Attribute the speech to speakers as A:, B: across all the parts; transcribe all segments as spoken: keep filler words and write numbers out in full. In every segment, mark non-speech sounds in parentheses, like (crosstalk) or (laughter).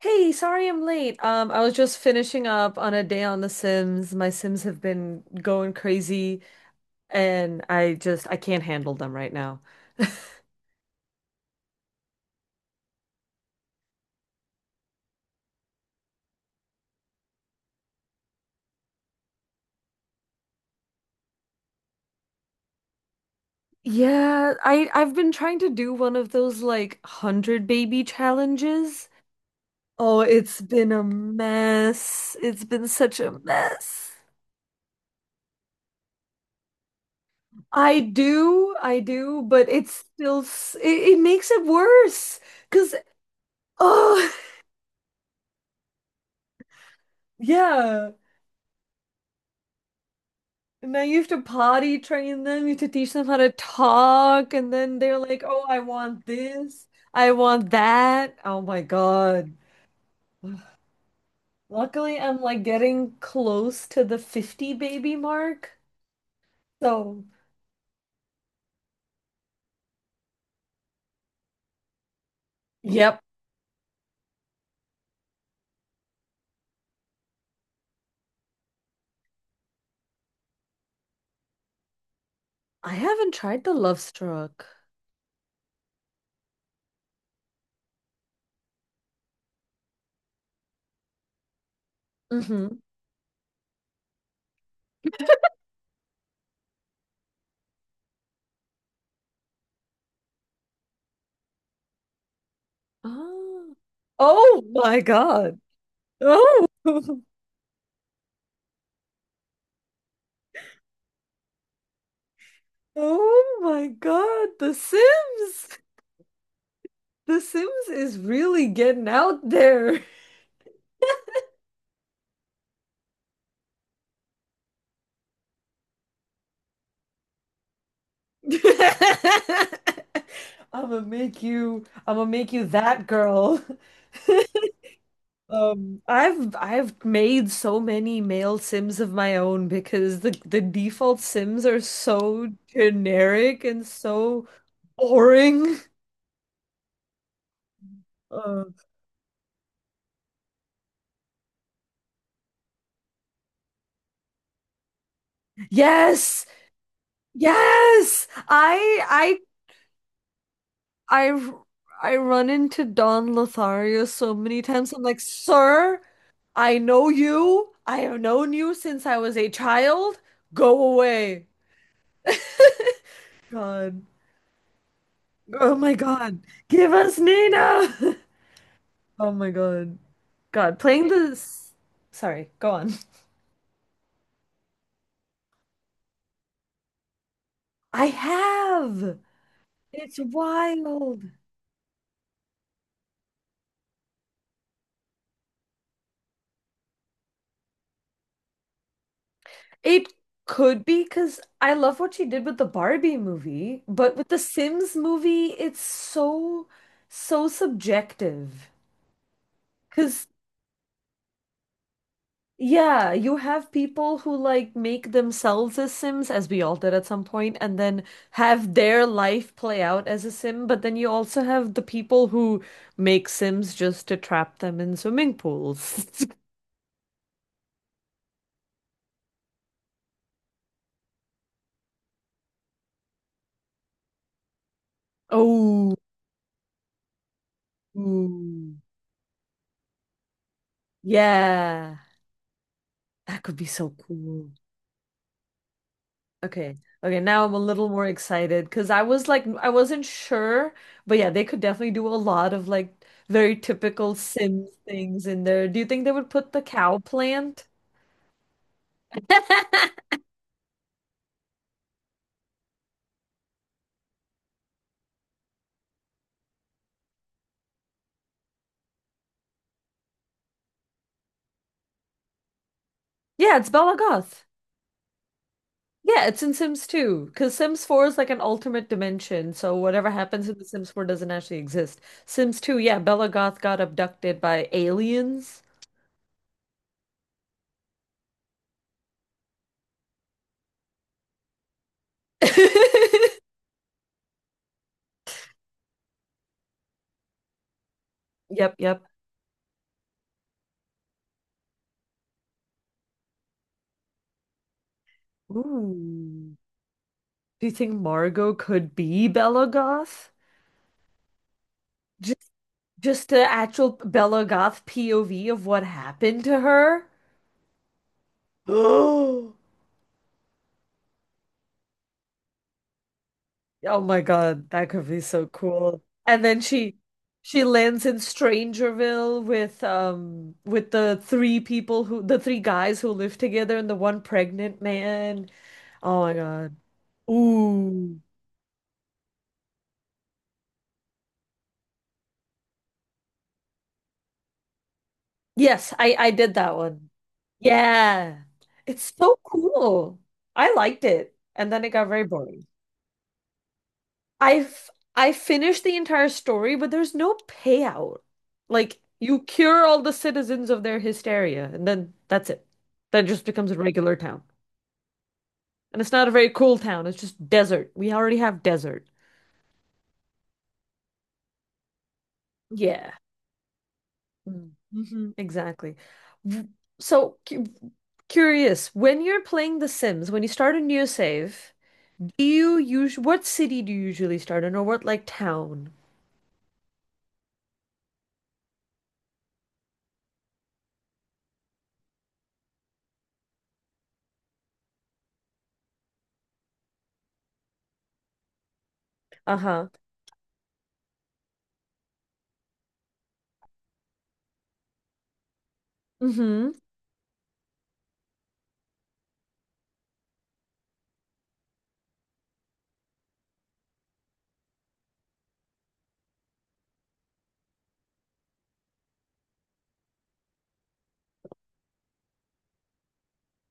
A: Hey, sorry I'm late. Um, I was just finishing up on a day on The Sims. My Sims have been going crazy and I just I can't handle them right now. Yeah, I I've been trying to do one of those like one hundred baby challenges. Oh, it's been a mess. It's been such a mess. I do, I do, but it's still s- it, it makes it worse because oh, (laughs) yeah. And then you have to potty train them, you have to teach them how to talk, and then they're like, oh, I want this, I want that. Oh my God. Luckily, I'm like getting close to the fifty baby mark. So, yep. I haven't tried the Love Struck. Mm-hmm. Oh. Oh my God. Oh. (laughs) Oh my God. The Sims. The Sims is really getting out there. (laughs) I'm gonna make you I'm gonna make you that girl. (laughs) Um, I've I've made so many male Sims of my own because the the default Sims are so generic and so boring. Uh, yes, yes. I I I I run into Don Lothario so many times. I'm like, sir, I know you. I have known you since I was a child. Go away. God. Oh my God. Give us Nina. (laughs) Oh my God. God, playing this. Sorry, go on. I have. It's wild. It could be because I love what she did with the Barbie movie, but with the Sims movie, it's so, so subjective. Because yeah, you have people who like make themselves as Sims, as we all did at some point, and then have their life play out as a Sim. But then you also have the people who make Sims just to trap them in swimming pools. (laughs) Oh, ooh. Yeah, that could be so cool. Okay. Okay, now I'm a little more excited because I was like I wasn't sure, but yeah, they could definitely do a lot of like very typical Sims things in there. Do you think they would put the cow plant? Yeah, it's Bela Goth. Yeah, it's in Sims two because Sims four is like an alternate dimension, so whatever happens in the Sims four doesn't actually exist. Sims two, yeah, Bela Goth got abducted by aliens. (laughs) Yep, yep. Ooh. Do you think Margot could be Bela Goth? Just the actual Bella Goth P O V of what happened to her. (gasps) Oh, oh my God, that could be so cool. And then she she lands in Strangerville with um with the three people who the three guys who live together and the one pregnant man. Oh my God. Ooh. Yes, I I did that one. Yeah. It's so cool. I liked it. And then it got very boring. I've I finished the entire story, but there's no payout. Like you cure all the citizens of their hysteria, and then that's it. That just becomes a regular town. And it's not a very cool town, it's just desert. We already have desert. Yeah. Mm-hmm. Exactly. W- So cu curious, when you're playing The Sims, when you start a new save, do you use what city do you usually start in or what like town? Uh-huh. Mm-hmm.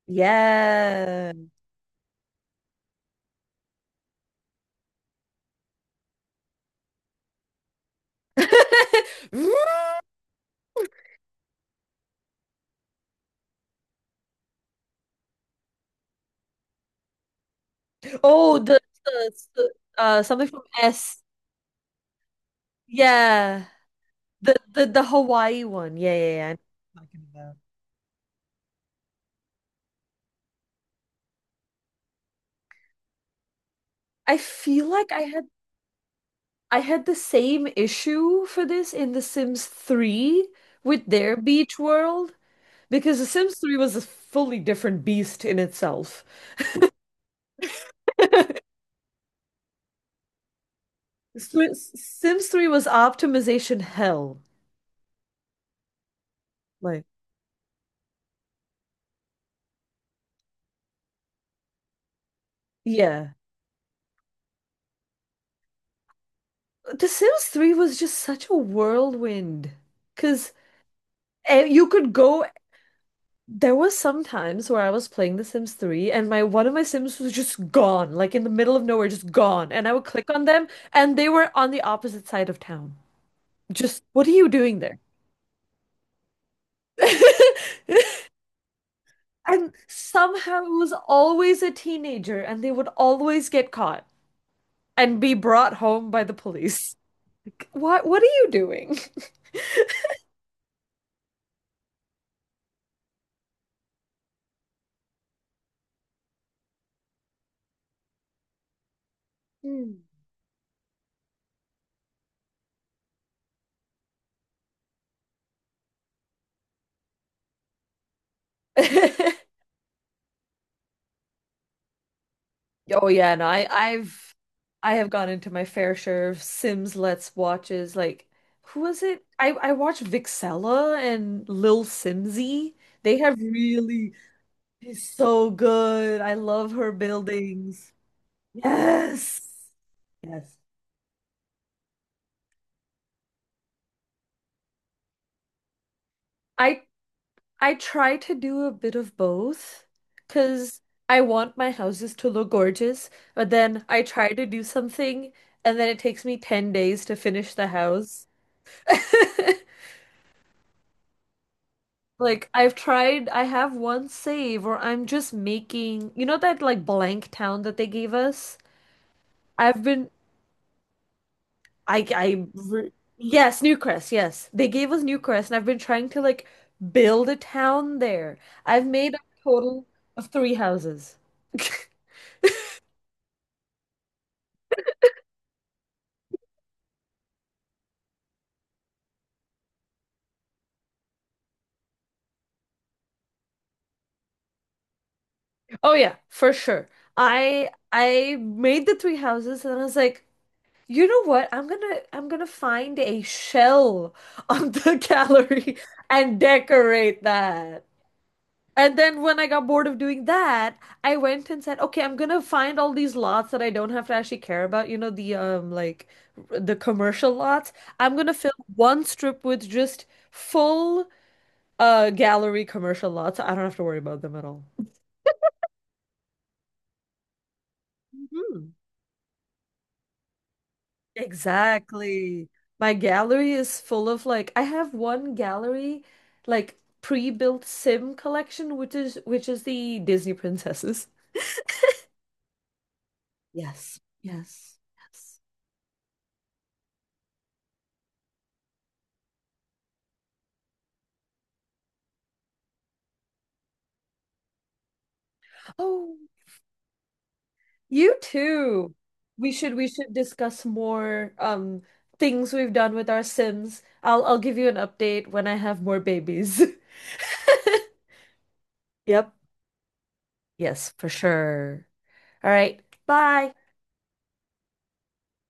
A: Yeah. (laughs) Oh, the, the, the uh something from S. Yeah. The the the Hawaii one. Yeah, yeah, yeah. I know what you're talking about. I feel like I had I had the same issue for this in The Sims three with their beach world because The Sims three was a fully different beast in itself. (laughs) Swi- Sims three was optimization hell. Like, yeah. The Sims three was just such a whirlwind. Because And you could go. There was some times where I was playing The Sims three and my one of my Sims was just gone, like in the middle of nowhere, just gone. And I would click on them and they were on the opposite side of town. Just, what are you doing there? (laughs) And somehow it was always a teenager and they would always get caught and be brought home by the police. (laughs) Like, What what are you doing? Hmm. (laughs) Oh yeah, no, I, I've I have gone into my fair share of Sims Let's watches. Like, who was it? I I watched Vixella and Lil Simsy. They have really is so good. I love her buildings. Yes. Yes. I I try to do a bit of both because I want my houses to look gorgeous, but then I try to do something and then it takes me ten days to finish the house. (laughs) Like I've tried, I have one save, or I'm just making, you know that like blank town that they gave us? I've been, I, I, re- yes, Newcrest, yes. They gave us Newcrest, and I've been trying to like build a town there. I've made a total of three houses. (laughs) Oh yeah, for sure. I I made the three houses and I was like, you know what? I'm gonna I'm gonna find a shell on the (laughs) gallery and decorate that. And then when I got bored of doing that, I went and said, okay, I'm gonna find all these lots that I don't have to actually care about. You know, the um like r- the commercial lots. I'm gonna fill one strip with just full uh gallery commercial lots. I don't have to worry about them at all. Mhm. Exactly. My gallery is full of like I have one gallery like pre-built Sim collection, which is which is the Disney princesses. Yes, yes, yes. Oh. You too. We should we should discuss more um things we've done with our Sims. I'll I'll give you an update when I have more babies. (laughs) Yep. Yes, for sure. All right. Bye.